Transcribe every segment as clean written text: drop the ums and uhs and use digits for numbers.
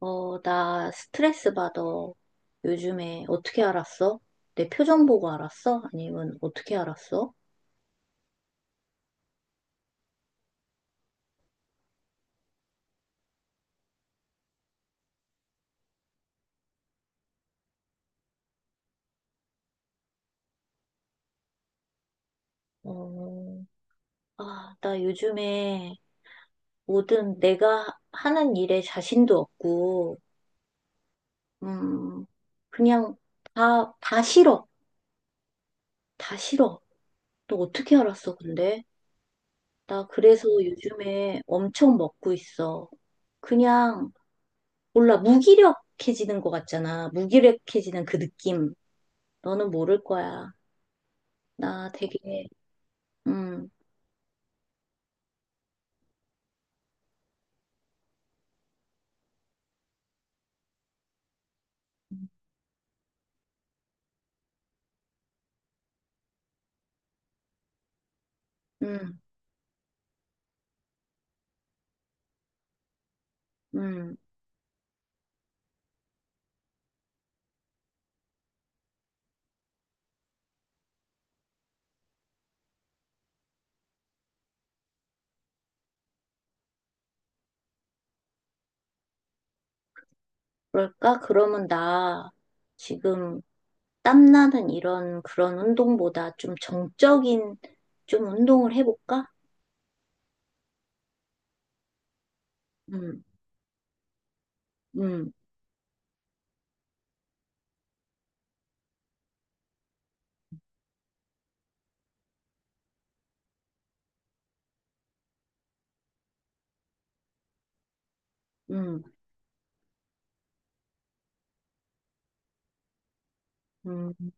어, 나 스트레스 받아. 요즘에 어떻게 알았어? 내 표정 보고 알았어? 아니면 어떻게 알았어? 어, 아, 나 요즘에 모든 내가 하는 일에 자신도 없고, 음, 그냥 다 싫어. 다 싫어. 너 어떻게 알았어, 근데? 나 그래서 요즘에 엄청 먹고 있어. 그냥, 몰라, 무기력해지는 것 같잖아. 무기력해지는 그 느낌. 너는 모를 거야. 나 되게, 음, 음, 음. 그럴까? 그러면 나 지금 땀나는 이런 그런 운동보다 좀 정적인 좀 운동을 해볼까? 음, 음, 음, 음.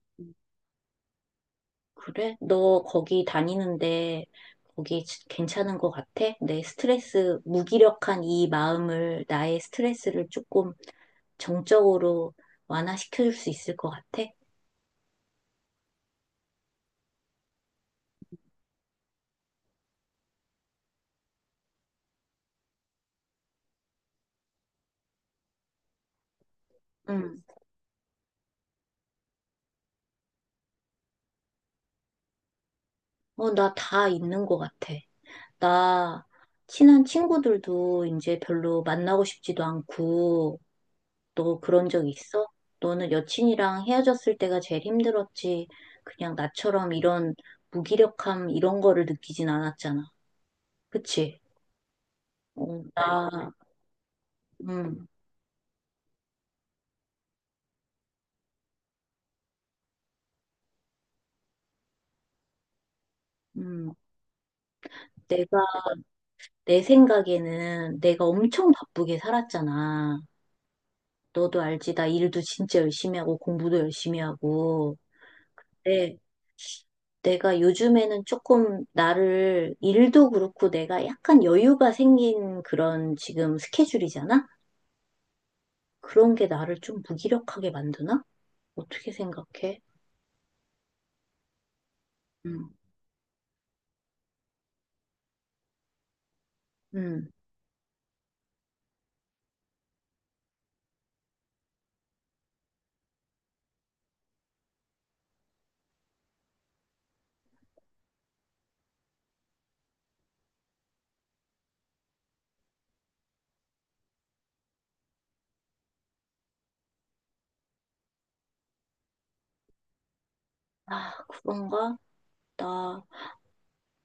그래? 너 거기 다니는데 거기 괜찮은 것 같아? 내 스트레스, 무기력한 이 마음을, 나의 스트레스를 조금 정적으로 완화시켜줄 수 있을 것 같아? 응. 어, 나 다 있는 것 같아. 나 친한 친구들도 이제 별로 만나고 싶지도 않고, 너 그런 적 있어? 너는 여친이랑 헤어졌을 때가 제일 힘들었지. 그냥 나처럼 이런 무기력함 이런 거를 느끼진 않았잖아. 그치? 어, 나, 음, 음, 내가, 내 생각에는 내가 엄청 바쁘게 살았잖아. 너도 알지? 나 일도 진짜 열심히 하고 공부도 열심히 하고. 내, 내가 요즘에는 조금 나를 일도 그렇고 내가 약간 여유가 생긴 그런 지금 스케줄이잖아? 그런 게 나를 좀 무기력하게 만드나? 어떻게 생각해? 음, 음. 아, 그런가? 나,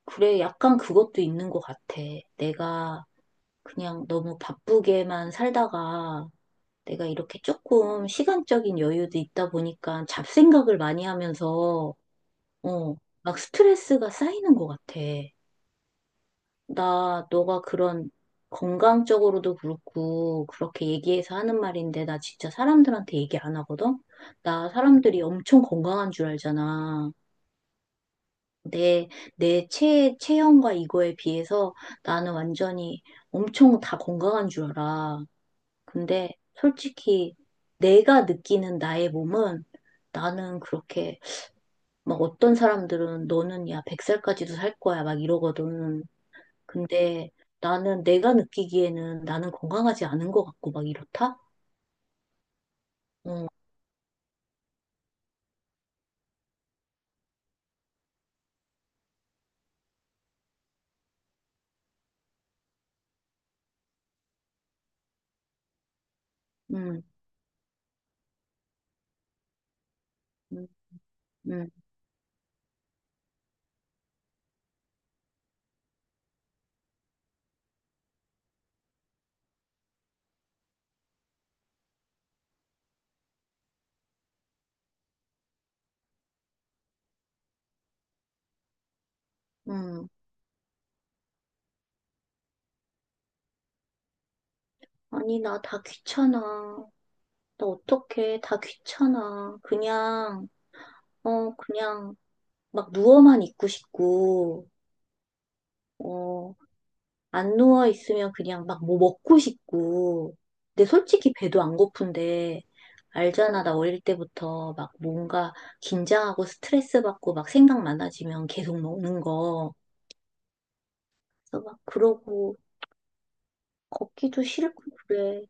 그래, 약간 그것도 있는 것 같아. 내가 그냥 너무 바쁘게만 살다가 내가 이렇게 조금 시간적인 여유도 있다 보니까 잡생각을 많이 하면서, 어, 막 스트레스가 쌓이는 것 같아. 나 너가 그런 건강적으로도 그렇고 그렇게 얘기해서 하는 말인데 나 진짜 사람들한테 얘기 안 하거든? 나 사람들이 엄청 건강한 줄 알잖아. 내, 내 체형과 이거에 비해서 나는 완전히 엄청 다 건강한 줄 알아. 근데 솔직히 내가 느끼는 나의 몸은 나는 그렇게 막 어떤 사람들은 너는 야 100살까지도 살 거야 막 이러거든. 근데 나는 내가 느끼기에는 나는 건강하지 않은 것 같고 막 이렇다? 응, 응, 응, 응, 응. 아니, 나 다 귀찮아. 나 어떡해. 다 귀찮아. 그냥, 어, 그냥 막 누워만 있고 싶고, 어, 안 누워 있으면 그냥 막 뭐 먹고 싶고. 근데 솔직히 배도 안 고픈데, 알잖아. 나 어릴 때부터 막 뭔가 긴장하고 스트레스 받고 막 생각 많아지면 계속 먹는 거. 그래서 막 그러고 걷기도 싫고 그래.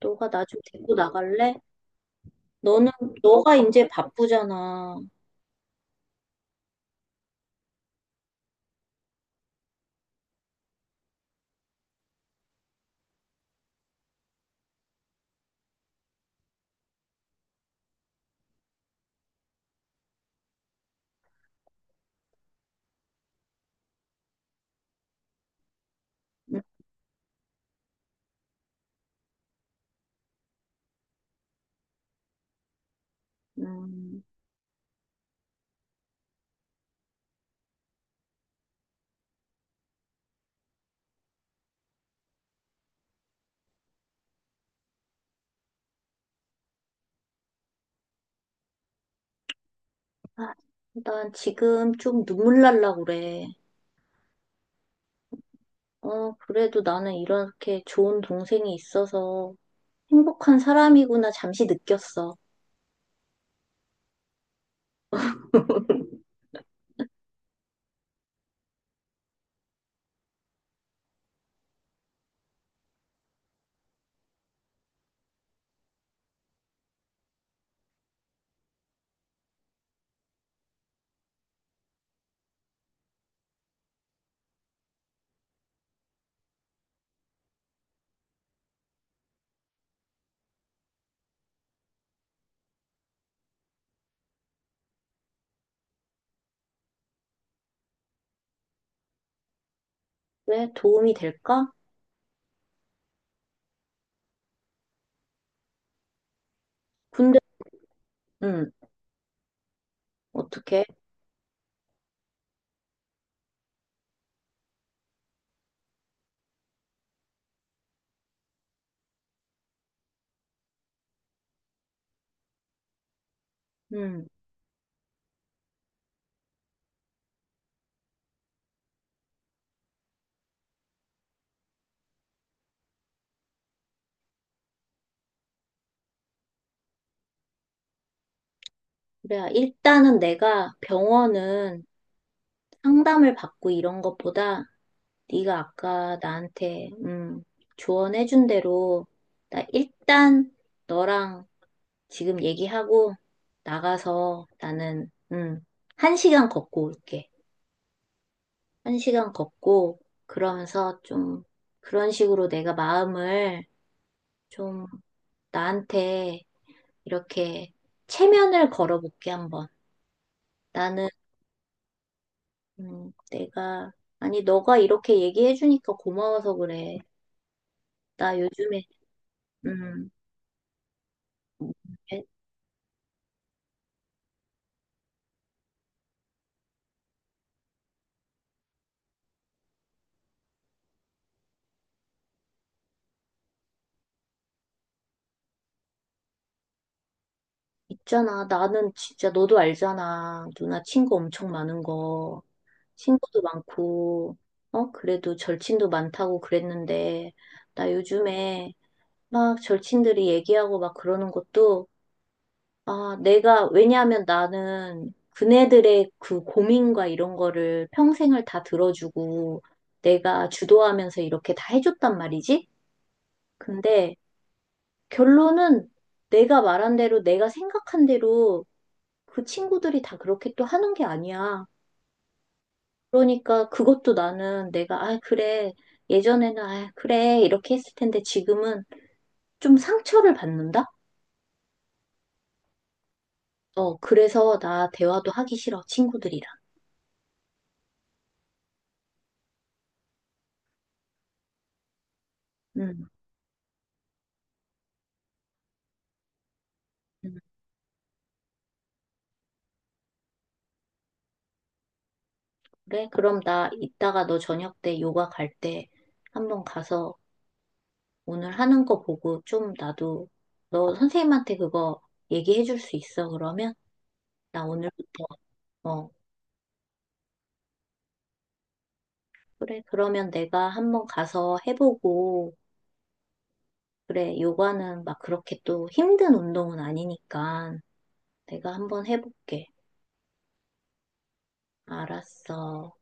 너가 나 좀 데리고 나갈래? 너는 너가 이제 바쁘잖아. 음, 음. 아, 난 지금 좀 눈물 날라 그래. 어, 그래도 나는 이렇게 좋은 동생이 있어서 행복한 사람이구나 잠시 느꼈어. 왜 도움이 될까? 근데 음, 어떻게? 음, 그래. 일단은 내가 병원은 상담을 받고 이런 것보다 네가 아까 나한테 조언해준 대로 나 일단 너랑 지금 얘기하고 나가서 나는 1시간 걷고 올게. 1시간 걷고 그러면서 좀 그런 식으로 내가 마음을 좀 나한테 이렇게 체면을 걸어볼게 한번. 나는 내가 아니 너가 이렇게 얘기해주니까 고마워서 그래. 나 요즘에 음, 있잖아. 나는 진짜 너도 알잖아. 누나 친구 엄청 많은 거. 친구도 많고, 어? 그래도 절친도 많다고 그랬는데, 나 요즘에 막 절친들이 얘기하고 막 그러는 것도, 아, 내가, 왜냐하면 나는 그네들의 그 고민과 이런 거를 평생을 다 들어주고, 내가 주도하면서 이렇게 다 해줬단 말이지? 근데 결론은 내가 말한 대로, 내가 생각한 대로 그 친구들이 다 그렇게 또 하는 게 아니야. 그러니까 그것도 나는 내가, 아, 그래. 예전에는, 아, 그래. 이렇게 했을 텐데 지금은 좀 상처를 받는다? 어, 그래서 나 대화도 하기 싫어. 친구들이랑. 음, 음, 그래? 그럼 나 이따가 너 저녁 때 요가 갈 때 한번 가서 오늘 하는 거 보고 좀 나도 너 선생님한테 그거 얘기해 줄 수 있어. 그러면 나 오늘부터, 어, 그래. 그러면 내가 한번 가서 해보고 그래, 요가는 막 그렇게 또 힘든 운동은 아니니까 내가 한번 해볼게. 알았어.